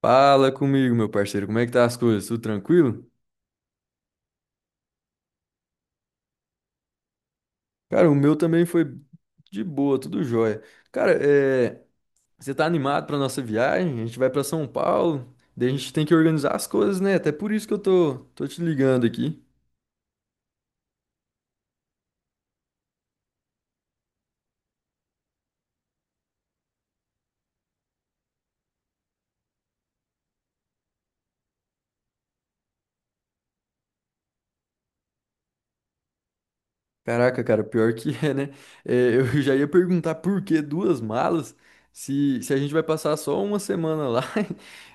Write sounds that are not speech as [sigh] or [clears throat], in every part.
Fala comigo, meu parceiro, como é que tá as coisas? Tudo tranquilo? Cara, o meu também foi de boa, tudo jóia. Cara, você tá animado pra nossa viagem? A gente vai pra São Paulo, daí a gente tem que organizar as coisas, né? Até por isso que eu tô te ligando aqui. Caraca, cara, pior que é, né? É, eu [laughs] já ia perguntar por que duas malas se a gente vai passar só uma semana lá. [laughs]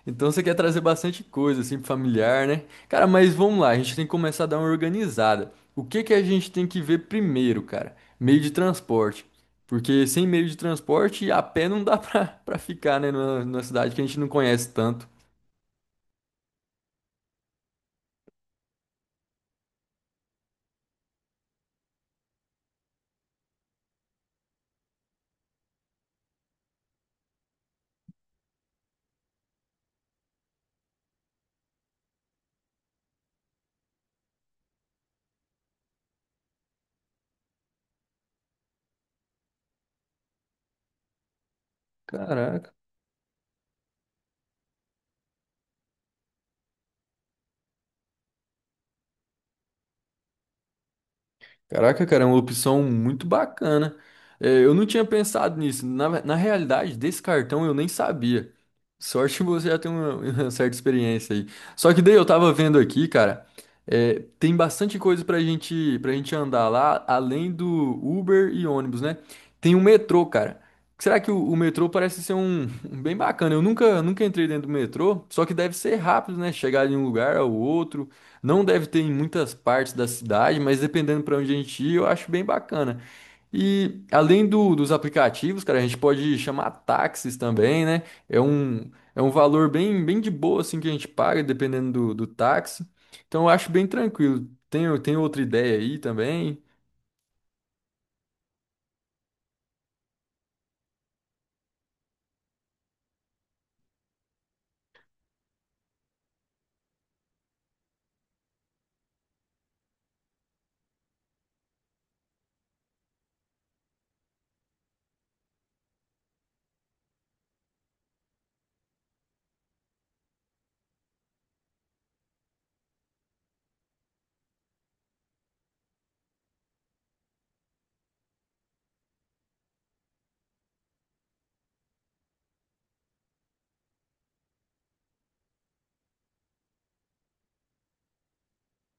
Então você quer trazer bastante coisa, assim, pro familiar, né? Cara, mas vamos lá, a gente tem que começar a dar uma organizada. O que que a gente tem que ver primeiro, cara? Meio de transporte. Porque sem meio de transporte, a pé não dá pra, [laughs] pra ficar, né? Numa cidade que a gente não conhece tanto. Caraca. Caraca, cara, é uma opção muito bacana. É, eu não tinha pensado nisso. Na realidade, desse cartão eu nem sabia. Sorte que você já tem uma, [laughs] uma certa experiência aí. Só que daí eu tava vendo aqui, cara, é, tem bastante coisa pra gente andar lá, além do Uber e ônibus, né? Tem o metrô, cara. Será que o metrô parece ser um, [laughs] um bem bacana? Eu nunca entrei dentro do metrô, só que deve ser rápido, né? Chegar de um lugar ao outro. Não deve ter em muitas partes da cidade, mas dependendo para onde a gente ir, eu acho bem bacana. E além dos aplicativos, cara, a gente pode chamar táxis também, né? É um, é um valor bem, bem de boa assim que a gente paga, dependendo do táxi. Então eu acho bem tranquilo. Tem outra ideia aí também?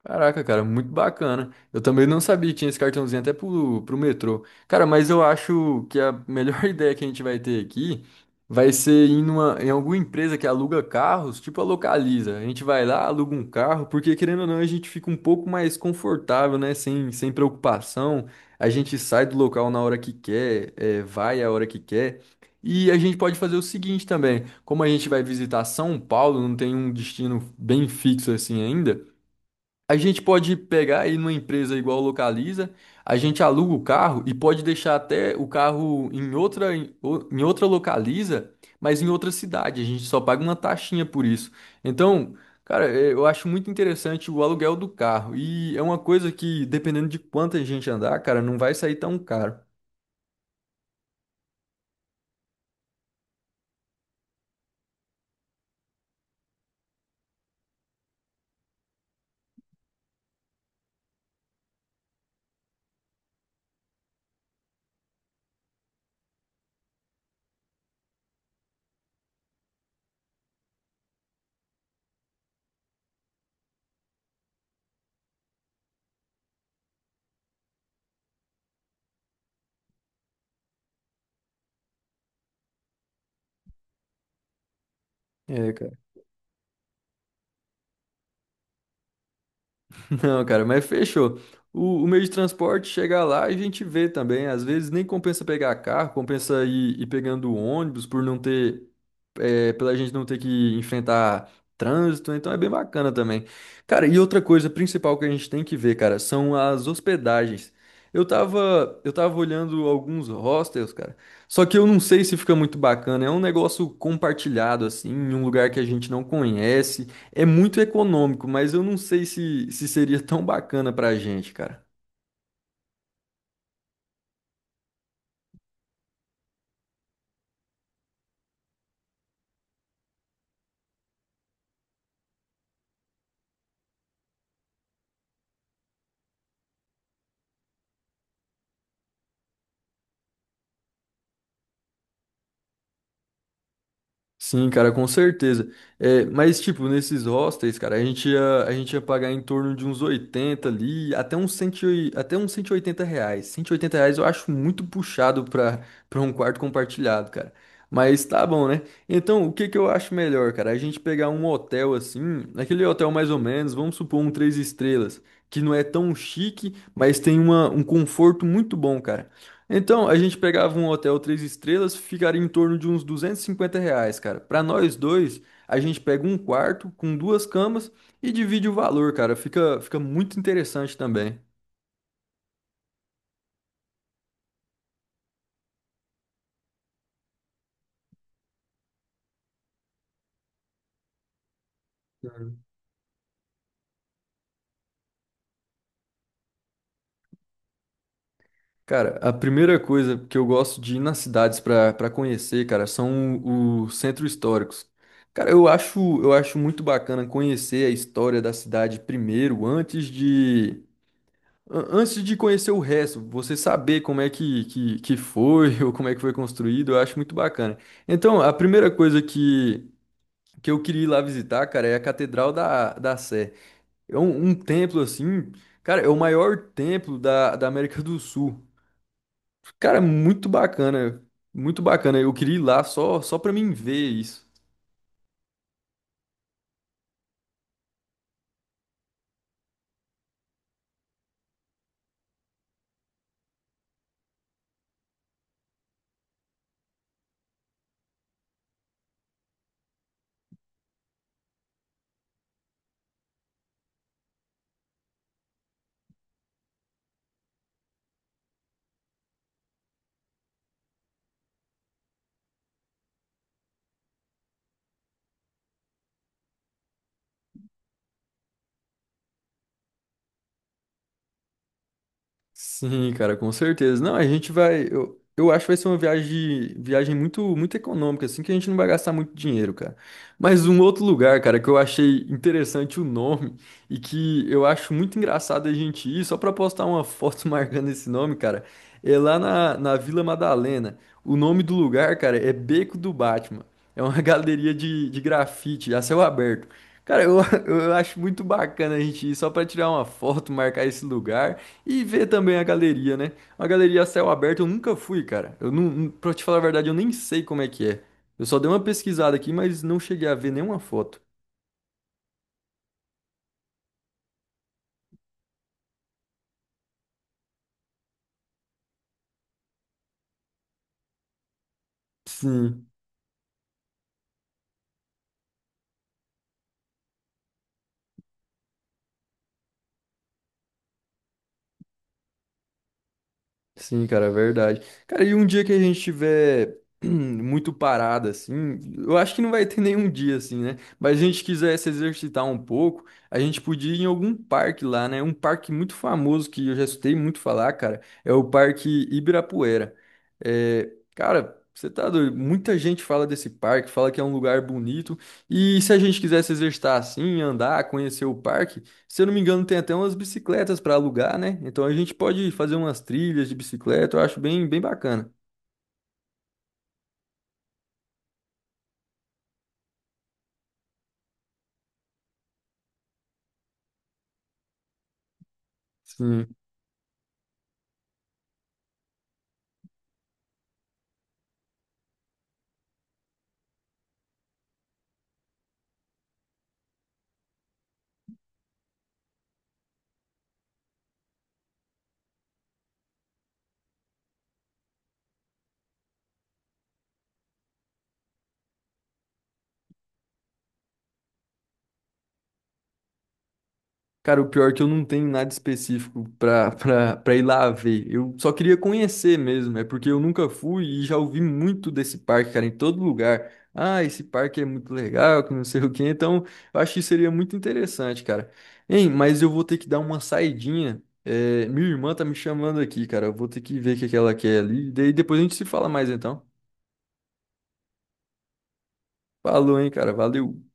Caraca, cara, muito bacana. Eu também não sabia que tinha esse cartãozinho até pro metrô. Cara, mas eu acho que a melhor [laughs] ideia que a gente vai ter aqui vai ser ir numa, em alguma empresa que aluga carros, tipo a Localiza. A gente vai lá, aluga um carro, porque querendo ou não, a gente fica um pouco mais confortável, né? Sem preocupação. A gente sai do local na hora que quer, é, vai a hora que quer. E a gente pode fazer o seguinte também, como a gente vai visitar São Paulo, não tem um destino bem fixo assim ainda. A gente pode pegar aí numa empresa igual Localiza, a gente aluga o carro e pode deixar até o carro em outra, em outra Localiza, mas em outra cidade. A gente só paga uma taxinha por isso. Então, cara, eu acho muito interessante o aluguel do carro. E é uma coisa que, dependendo de quanta gente andar, cara, não vai sair tão caro. É, cara. Não, cara, mas fechou. O meio de transporte chegar lá e a gente vê também. Às vezes nem compensa pegar carro, compensa ir, ir pegando ônibus por não ter, é, pela gente não ter que enfrentar trânsito, então é bem bacana também. Cara, e outra coisa principal que a gente tem que ver, cara, são as hospedagens. Eu tava olhando alguns hostels, cara. Só que eu não sei se fica muito bacana. É um negócio compartilhado, assim, em um lugar que a gente não conhece. É muito econômico, mas eu não sei se seria [laughs] tão bacana pra gente, cara. Sim, cara, com certeza. É, mas, tipo, nesses hostels, cara, a gente ia pagar em torno de uns 80 ali, até uns, 108 até uns R$ 180. R$ 180 eu acho muito puxado pra, pra um quarto compartilhado, cara. Mas tá bom, né? Então, o que que eu acho melhor, cara? A gente pegar um hotel assim, aquele hotel mais ou menos, vamos supor um três estrelas, que não é tão chique, mas tem uma, um conforto muito bom, cara. Então, a gente pegava um hotel três estrelas, ficaria em torno de uns R$ 250, cara. Para nós dois, a gente pega um quarto com duas camas e divide o valor, cara. Fica muito interessante também. Uhum. Cara, a primeira coisa que eu gosto de ir nas cidades para conhecer, cara, são os centros históricos. Cara, eu acho muito bacana conhecer a história da cidade primeiro, antes de, antes de conhecer o resto, você saber como é que, que foi [laughs] ou como é que foi construído, eu acho muito bacana. Então, a primeira coisa que eu queria ir lá visitar, cara, é a Catedral da Sé. É um, um templo assim, cara, é o maior templo da América do Sul. Cara, muito bacana, muito bacana. Eu queria ir lá só pra mim ver isso. Sim, cara, com certeza. Não, a gente vai. Eu acho que vai ser uma viagem, viagem muito econômica, assim, que a gente não vai gastar muito dinheiro, cara. Mas um outro lugar, cara, que eu achei interessante o nome [laughs] e que eu acho muito engraçado a gente ir, só pra postar uma foto [laughs] marcando esse nome, cara, é lá na Vila Madalena. O nome do lugar, cara, é Beco do Batman. É uma [laughs] galeria de grafite, a céu aberto. Cara, [laughs] eu acho muito bacana a gente ir só pra tirar uma foto, marcar esse lugar. E ver também a galeria, né? A galeria a céu aberto eu nunca fui, cara. Eu não, não- Pra te falar a verdade, eu nem sei como é que é. Eu só dei uma pesquisada aqui, mas não cheguei a ver nenhuma foto. Sim. Sim, cara, é verdade. Cara, e um dia que a gente tiver [clears throat] muito parado, assim, eu acho que não vai ter [laughs] nenhum dia, assim, né? Mas se a gente quiser se exercitar um pouco, a gente podia ir em algum parque lá, né? Um parque muito famoso que eu já escutei muito falar, cara, é o Parque Ibirapuera. É, cara, você tá doido? Muita gente fala desse parque, fala que é um lugar bonito. E se a gente quiser se exercitar assim, andar, conhecer o parque. Se eu não me engano, tem até umas bicicletas para alugar, né? Então a gente pode fazer umas trilhas de bicicleta, eu acho bem, bem bacana. Sim. Cara, o pior é que eu não tenho nada específico para ir lá ver. Eu só queria conhecer mesmo, é porque eu nunca fui e já ouvi muito desse parque, cara, em todo lugar. Ah, esse parque é muito legal, que não sei o quê. Então, eu acho que seria muito interessante, cara. Hein, mas eu vou ter que dar uma saidinha. É, minha irmã tá me chamando aqui, cara. Eu vou ter que ver o que que ela quer ali. Daí depois a gente se fala mais então. Falou, hein, cara. Valeu.